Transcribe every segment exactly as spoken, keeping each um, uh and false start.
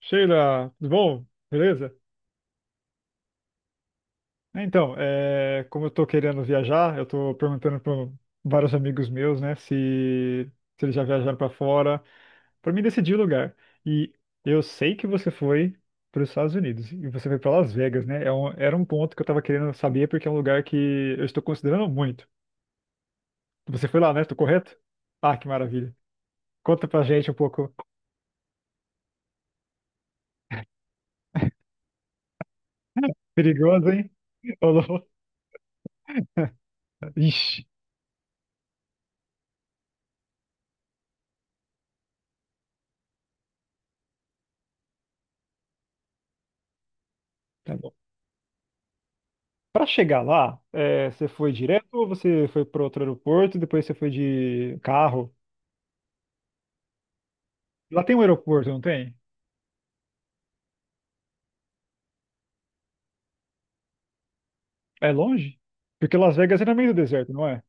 Sheila, tudo bom? Beleza? Então, é, como eu tô querendo viajar, eu tô perguntando para vários amigos meus, né, se, se eles já viajaram para fora, para mim decidir o lugar. E eu sei que você foi para os Estados Unidos e você foi para Las Vegas, né? É um- era um ponto que eu tava querendo saber porque é um lugar que eu estou considerando muito. Você foi lá, né? Tô correto? Ah, que maravilha. Conta pra gente um pouco. Perigoso, hein? Ô, louco. Ixi. Para chegar lá, é, você foi direto ou você foi para outro aeroporto e depois você foi de carro? Lá tem um aeroporto, não tem? É longe? Porque Las Vegas é no meio do deserto, não é?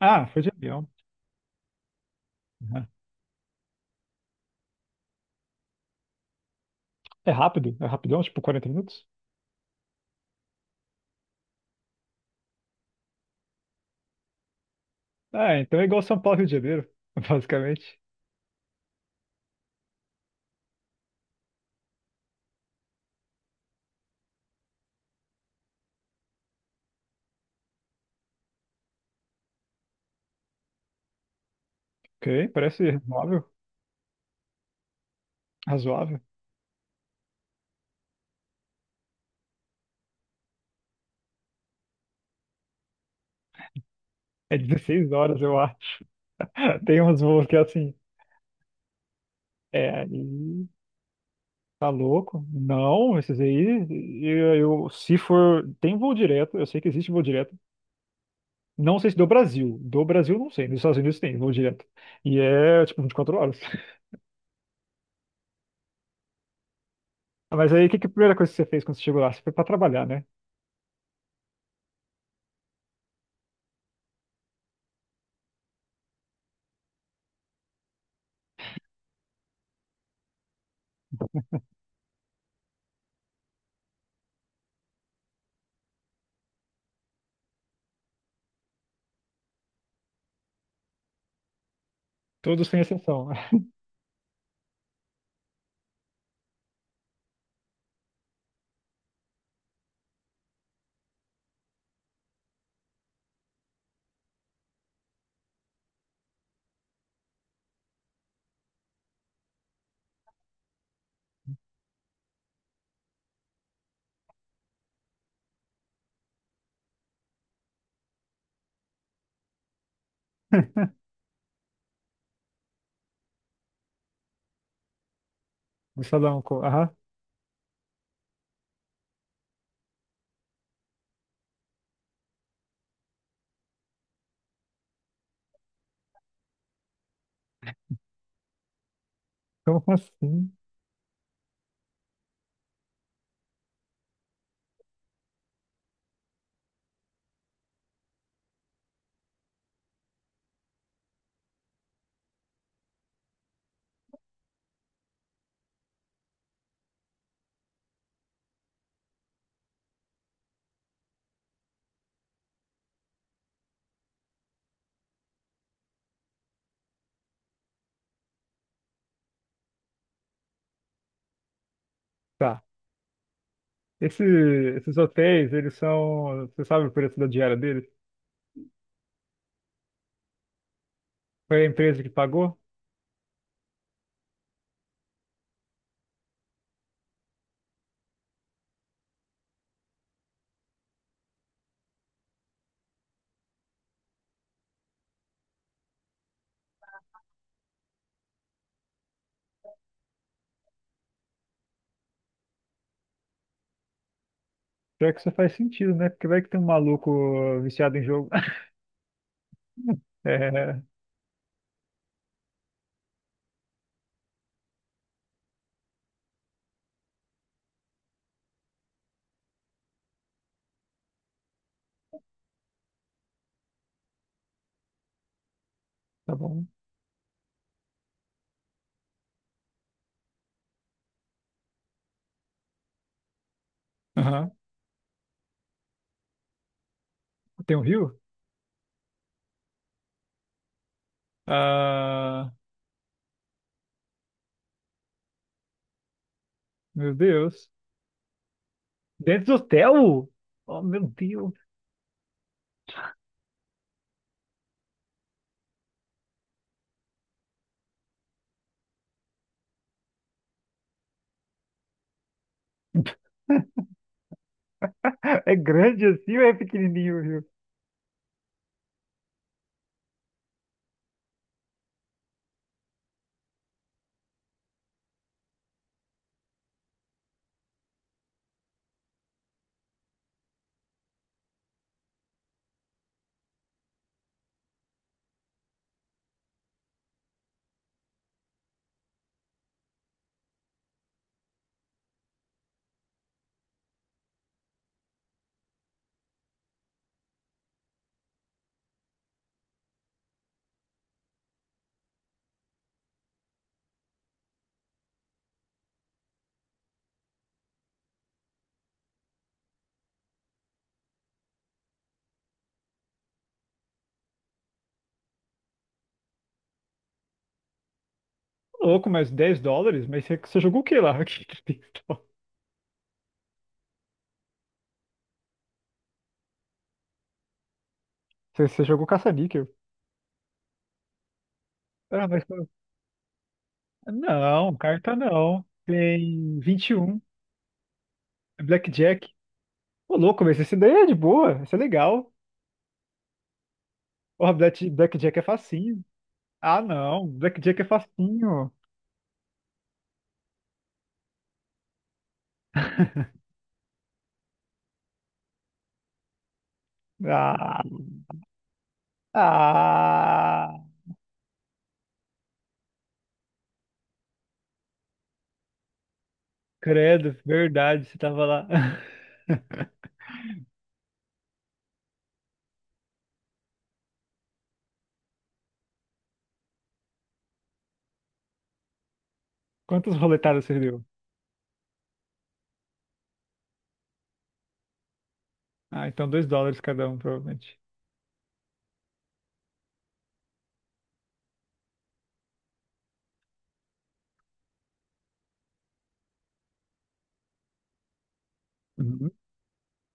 Ah, foi de avião. Uhum. É rápido? É rapidão? Tipo quarenta minutos? Ah, então é igual São Paulo e Rio de Janeiro, basicamente. Ok, parece razoável. Razoável. É dezesseis horas, eu acho. Tem uns voos que é assim. É, aí tá louco? Não, esses aí, eu, eu- se for. Tem voo direto, eu sei que existe voo direto. Não sei se do Brasil. Do Brasil, não sei. Nos Estados Unidos tem, vou direto. E é, tipo, vinte e quatro horas. Mas aí, o que que é a primeira coisa que você fez quando você chegou lá? Você foi pra trabalhar, né? Todos sem exceção. No salão. co- Aham. Então, Como assim? Tá. Esse, esses hotéis, eles são. Você sabe o preço da diária deles? Foi a empresa que pagou? Pior que isso faz sentido, né? Porque vai que tem um maluco viciado em jogo. É, tá bom. Aham. Tem um rio? Ah, meu Deus. Dentro do hotel? Oh, meu Deus. É grande assim ou é pequenininho, viu? Louco, mas dez dólares? Mas você, você jogou o que lá? Que dez dólares? Você, você jogou caça-níquel. Ah, mas não, carta não. Tem vinte e um. é Blackjack. Ô, louco, mas esse daí é de boa, esse é legal. Porra, Black, Blackjack é facinho. Ah, não, Blackjack é facinho. Ah, ah, credo, verdade, você tava lá. Quantas roletadas você deu? Ah, então dois dólares cada um, provavelmente.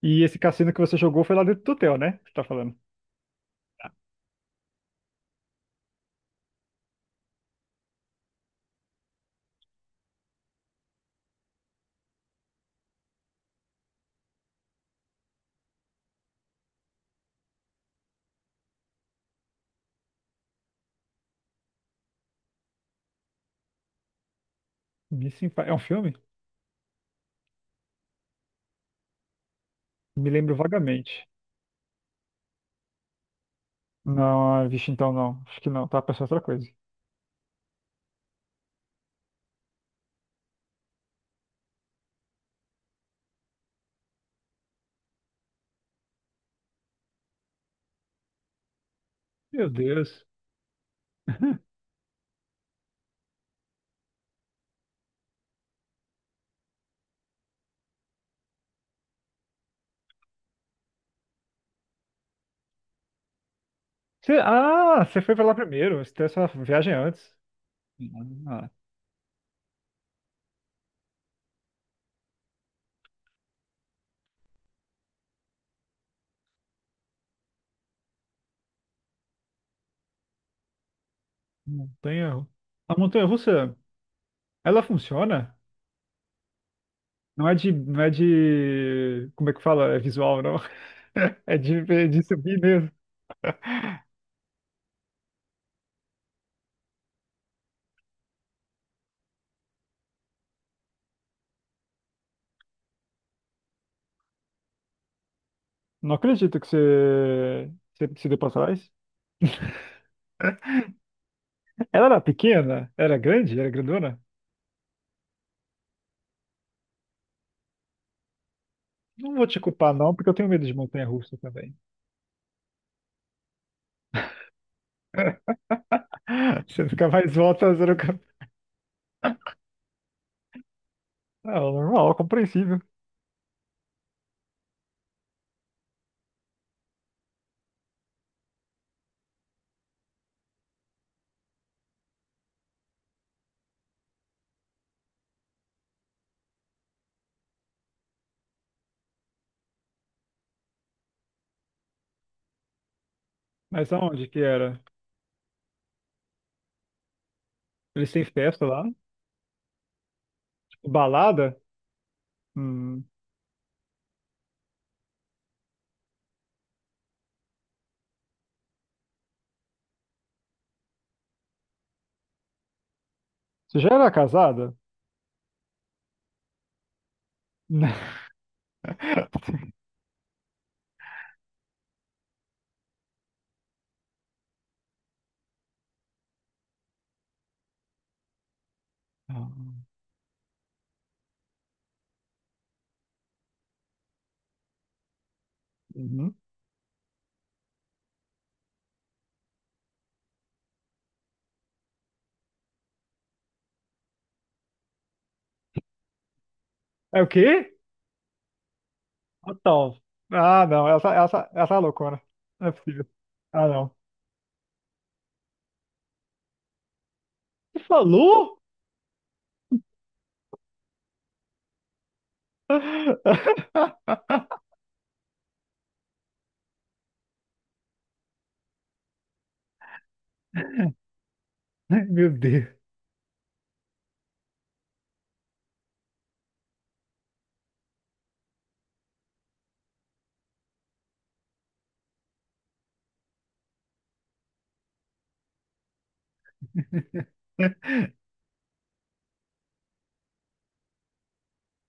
E esse cassino que você jogou foi lá dentro do hotel, né? Você tá falando. Tá. Missing Impa- É um filme? Me lembro vagamente. Não, ah, vixe, então não. Acho que não, tá pensando outra coisa. Meu Deus. Você- ah, você foi pra lá primeiro. Você tem essa viagem antes. Ah, montanha. A montanha russa. Ela funciona? Não é de, não é de, como é que fala? É visual, não? É de, é de subir mesmo. Não acredito que você, você se deu pra trás. Ela era pequena? Era grande? Era grandona? Não vou te culpar, não, porque eu tenho medo de montanha-russa também. Você fica mais volta, você nunca... Ah, normal, compreensível. Mas aonde que era? Eles têm festa lá? Tipo, balada? Hum. Você já era casada? Não. Uhum. É o quê? Total. Ah, não, essa, essa, essa é loucura. Não é possível. Ah, não. Você falou? Ai, Meu Deus.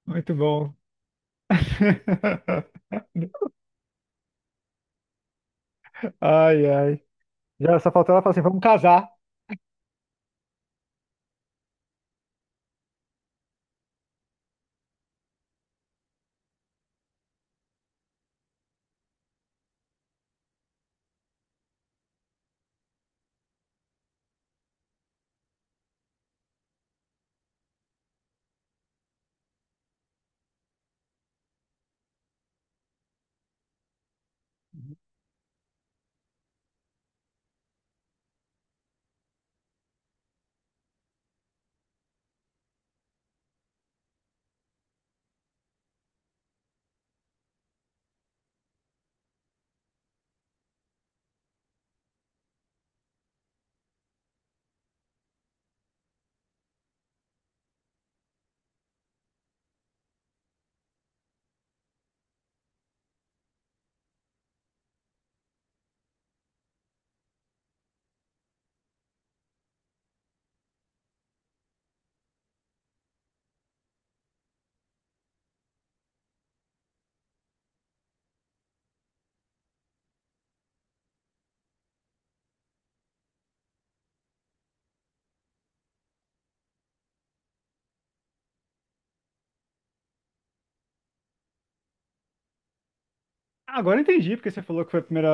Muito bom. Ai, ai. Já só faltou ela falar assim, vamos casar. Agora eu entendi porque você falou que foi a primeira,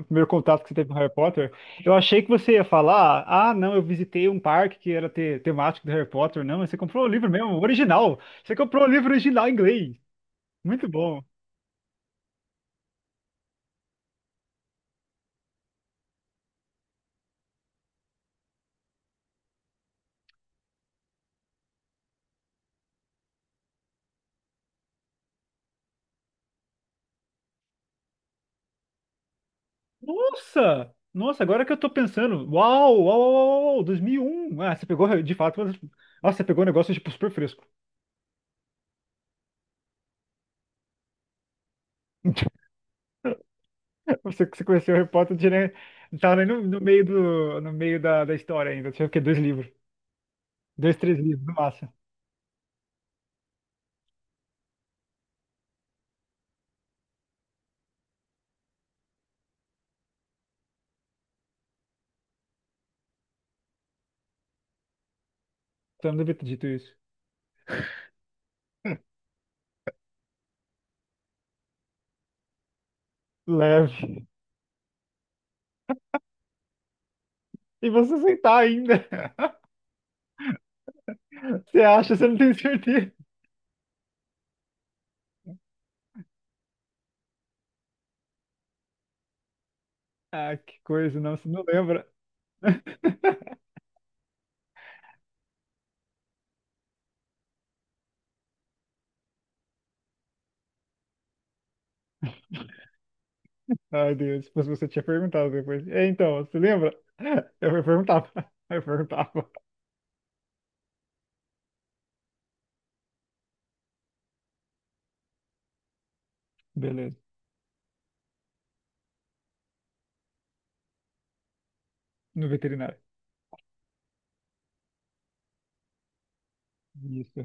o primeiro contato que você teve com Harry Potter. Eu achei que você ia falar, ah, não, eu visitei um parque que era te- temático do Harry Potter. Não, você comprou o livro mesmo, o original. Você comprou o livro original em inglês. Muito bom. Nossa! Nossa, agora que eu tô pensando. Uau, uau, uau, uau, uau, dois mil e um. Ah, você pegou de fato. mas- Nossa, você pegou um negócio tipo super fresco. Você, você conheceu o Harry Potter, né? Tava nem no, no meio do, no meio da, da história ainda. Tinha o quê? Dois livros. Dois, três livros, no máximo. Então eu não devia ter dito isso. Leve. E você aceitar ainda. Você acha, você não tem certeza. Ah, que coisa, não, você não lembra. Ai, Deus, se você tinha perguntado depois. É, então, você lembra? Eu perguntava. Eu perguntava. Beleza. no veterinário. Isso.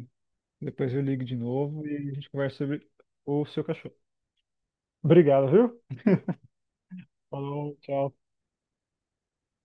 Depois eu ligo de novo e a gente conversa sobre o seu cachorro. Obrigado, viu? Falou, tchau.